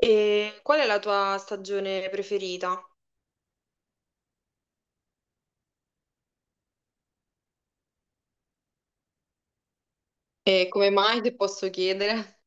E qual è la tua stagione preferita? E come mai ti posso chiedere?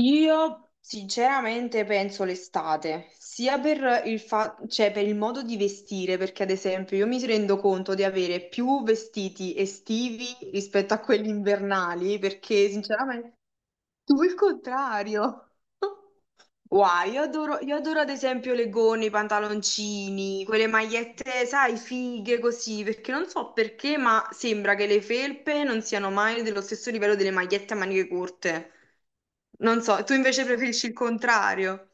Io sinceramente penso l'estate, sia per il per il modo di vestire, perché ad esempio io mi rendo conto di avere più vestiti estivi rispetto a quelli invernali, perché sinceramente... Tu il contrario. Wow, io adoro ad esempio le gonne, i pantaloncini, quelle magliette, sai, fighe così, perché non so perché, ma sembra che le felpe non siano mai dello stesso livello delle magliette a maniche corte. Non so, tu invece preferisci il contrario.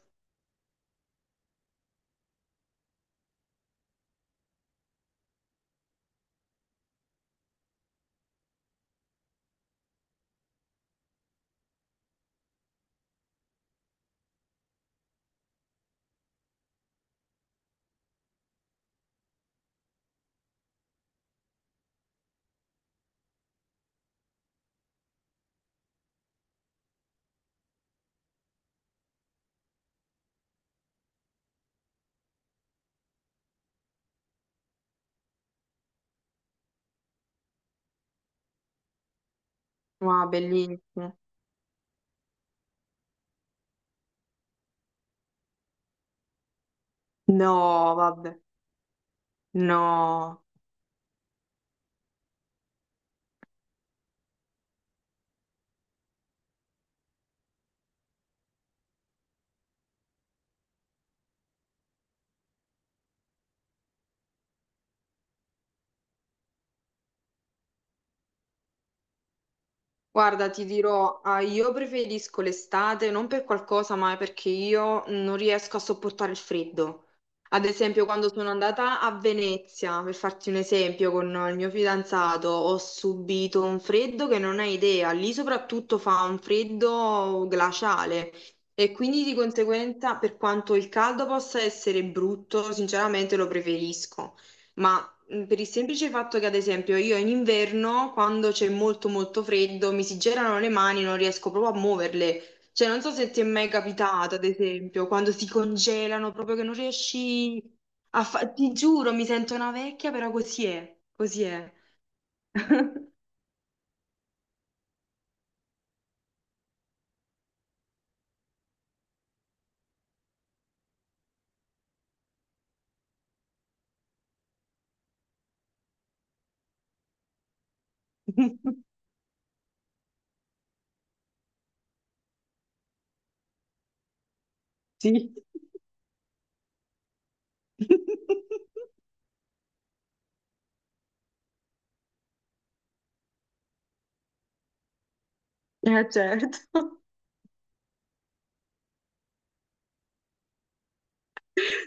Wow, bellissimo. No, vabbè. No. Guarda, ti dirò, ah, io preferisco l'estate non per qualcosa, ma perché io non riesco a sopportare il freddo. Ad esempio, quando sono andata a Venezia, per farti un esempio, con il mio fidanzato, ho subito un freddo che non hai idea. Lì soprattutto fa un freddo glaciale e quindi di conseguenza, per quanto il caldo possa essere brutto, sinceramente lo preferisco. Ma per il semplice fatto che, ad esempio, io in inverno, quando c'è molto molto freddo, mi si gelano le mani, non riesco proprio a muoverle. Cioè, non so se ti è mai capitato, ad esempio, quando si congelano, proprio che non riesci a fare... Ti giuro, mi sento una vecchia, però così è, così è. Sì. Certo.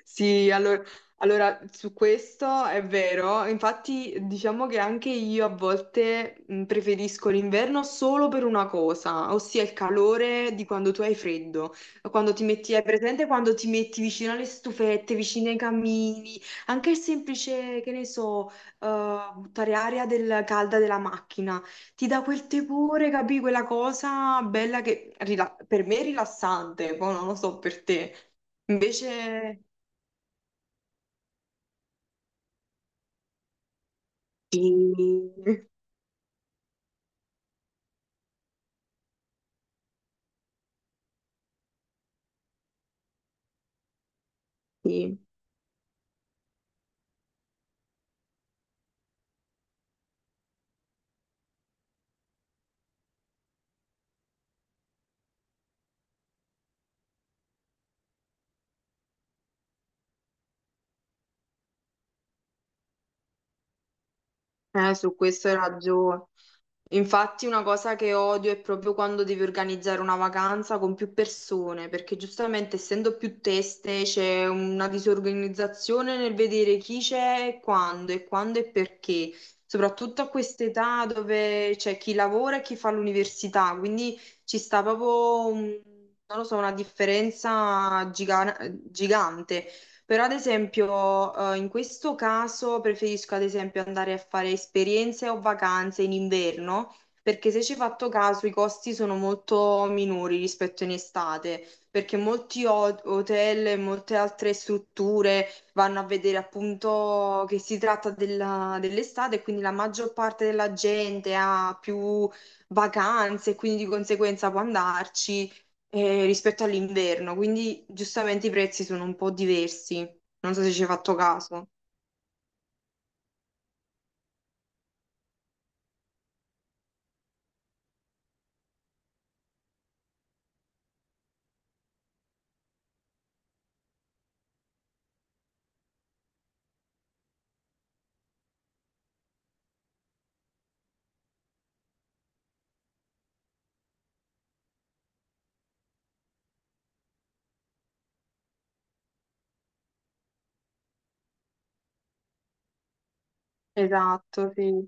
Sì, allora, allora, su questo è vero, infatti diciamo che anche io a volte preferisco l'inverno solo per una cosa, ossia il calore di quando tu hai freddo, quando ti metti, hai presente quando ti metti vicino alle stufette, vicino ai camini, anche il semplice, che ne so, buttare aria del, calda della macchina, ti dà quel tepore, capì, quella cosa bella che per me è rilassante, poi non lo so per te. Invece... Sì, sì. Su questo hai ragione. Infatti una cosa che odio è proprio quando devi organizzare una vacanza con più persone, perché giustamente essendo più teste c'è una disorganizzazione nel vedere chi c'è e quando e quando e perché, soprattutto a quest'età dove c'è chi lavora e chi fa l'università, quindi ci sta proprio, non lo so, una differenza gigante. Però ad esempio, in questo caso preferisco ad esempio andare a fare esperienze o vacanze in inverno, perché se ci hai fatto caso i costi sono molto minori rispetto in estate, perché molti hotel e molte altre strutture vanno a vedere appunto che si tratta dell'estate e quindi la maggior parte della gente ha più vacanze e quindi di conseguenza può andarci rispetto all'inverno, quindi giustamente i prezzi sono un po' diversi. Non so se ci hai fatto caso. Esatto, sì.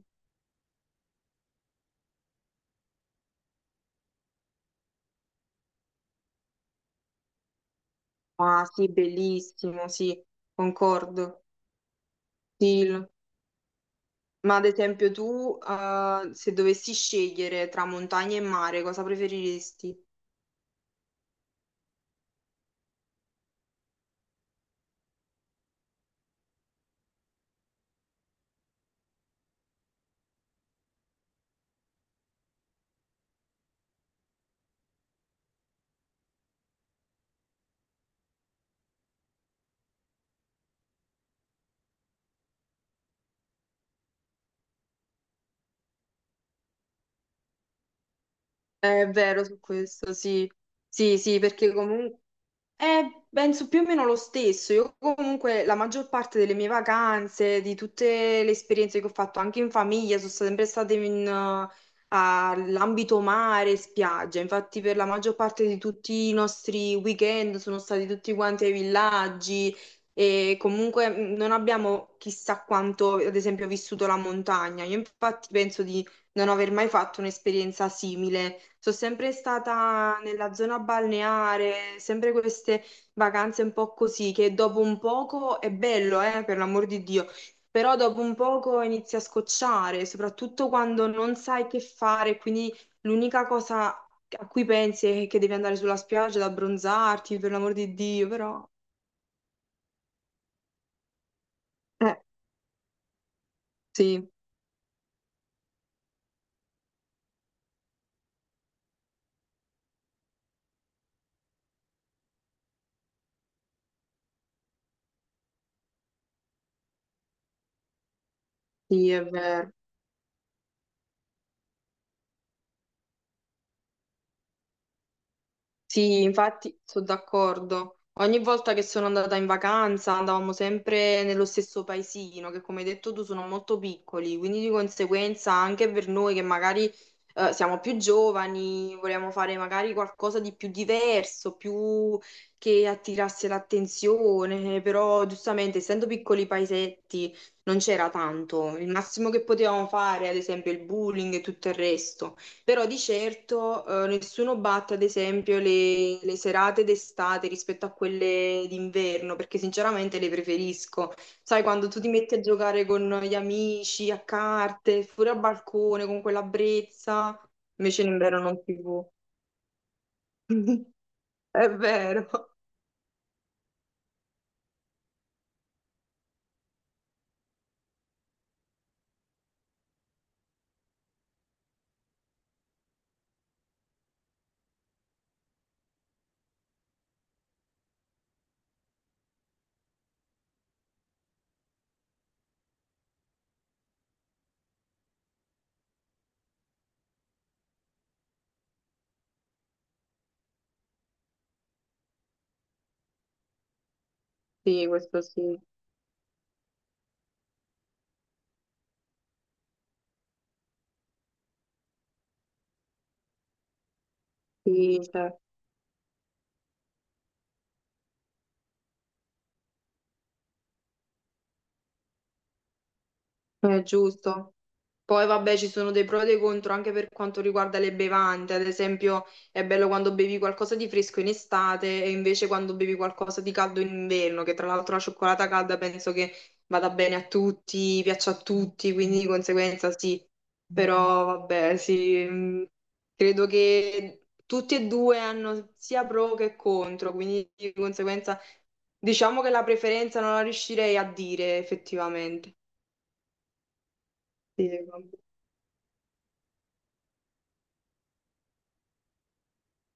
Ah, sì, bellissimo, sì, concordo. Sì. l- Ma ad esempio tu, se dovessi scegliere tra montagna e mare, cosa preferiresti? È vero su questo, sì. Sì, sì, perché comunque... penso più o meno lo stesso. Io comunque la maggior parte delle mie vacanze, di tutte le esperienze che ho fatto anche in famiglia, sono state sempre state in, all'ambito mare, spiaggia. Infatti per la maggior parte di tutti i nostri weekend sono stati tutti quanti ai villaggi e comunque non abbiamo chissà quanto, ad esempio, vissuto la montagna. Io infatti penso di non aver mai fatto un'esperienza simile. Sono sempre stata nella zona balneare, sempre queste vacanze un po' così, che dopo un poco è bello, per l'amor di Dio, però dopo un poco inizi a scocciare, soprattutto quando non sai che fare, quindi l'unica cosa a cui pensi è che devi andare sulla spiaggia ad abbronzarti, per l'amor di Dio, però... Eh, sì, sì, è vero. Sì, infatti sono d'accordo. Ogni volta che sono andata in vacanza andavamo sempre nello stesso paesino, che come hai detto tu sono molto piccoli, quindi di conseguenza anche per noi che magari siamo più giovani, vogliamo fare magari qualcosa di più diverso, più che attirasse l'attenzione, però giustamente essendo piccoli paesetti non c'era tanto. Il massimo che potevamo fare, ad esempio, il bullying e tutto il resto. Però di certo nessuno batte, ad esempio, le serate d'estate rispetto a quelle d'inverno, perché sinceramente le preferisco. Sai, quando tu ti metti a giocare con gli amici, a carte, fuori al balcone, con quella brezza, invece in inverno non si può. È vero. Sì, questo sì, sì, cioè, è giusto. Poi vabbè, ci sono dei pro e dei contro anche per quanto riguarda le bevande, ad esempio è bello quando bevi qualcosa di fresco in estate e invece quando bevi qualcosa di caldo in inverno, che tra l'altro la cioccolata calda penso che vada bene a tutti, piaccia a tutti, quindi di conseguenza sì, però vabbè, sì, credo che tutti e due hanno sia pro che contro, quindi di conseguenza diciamo che la preferenza non la riuscirei a dire effettivamente. Sì, secondo me.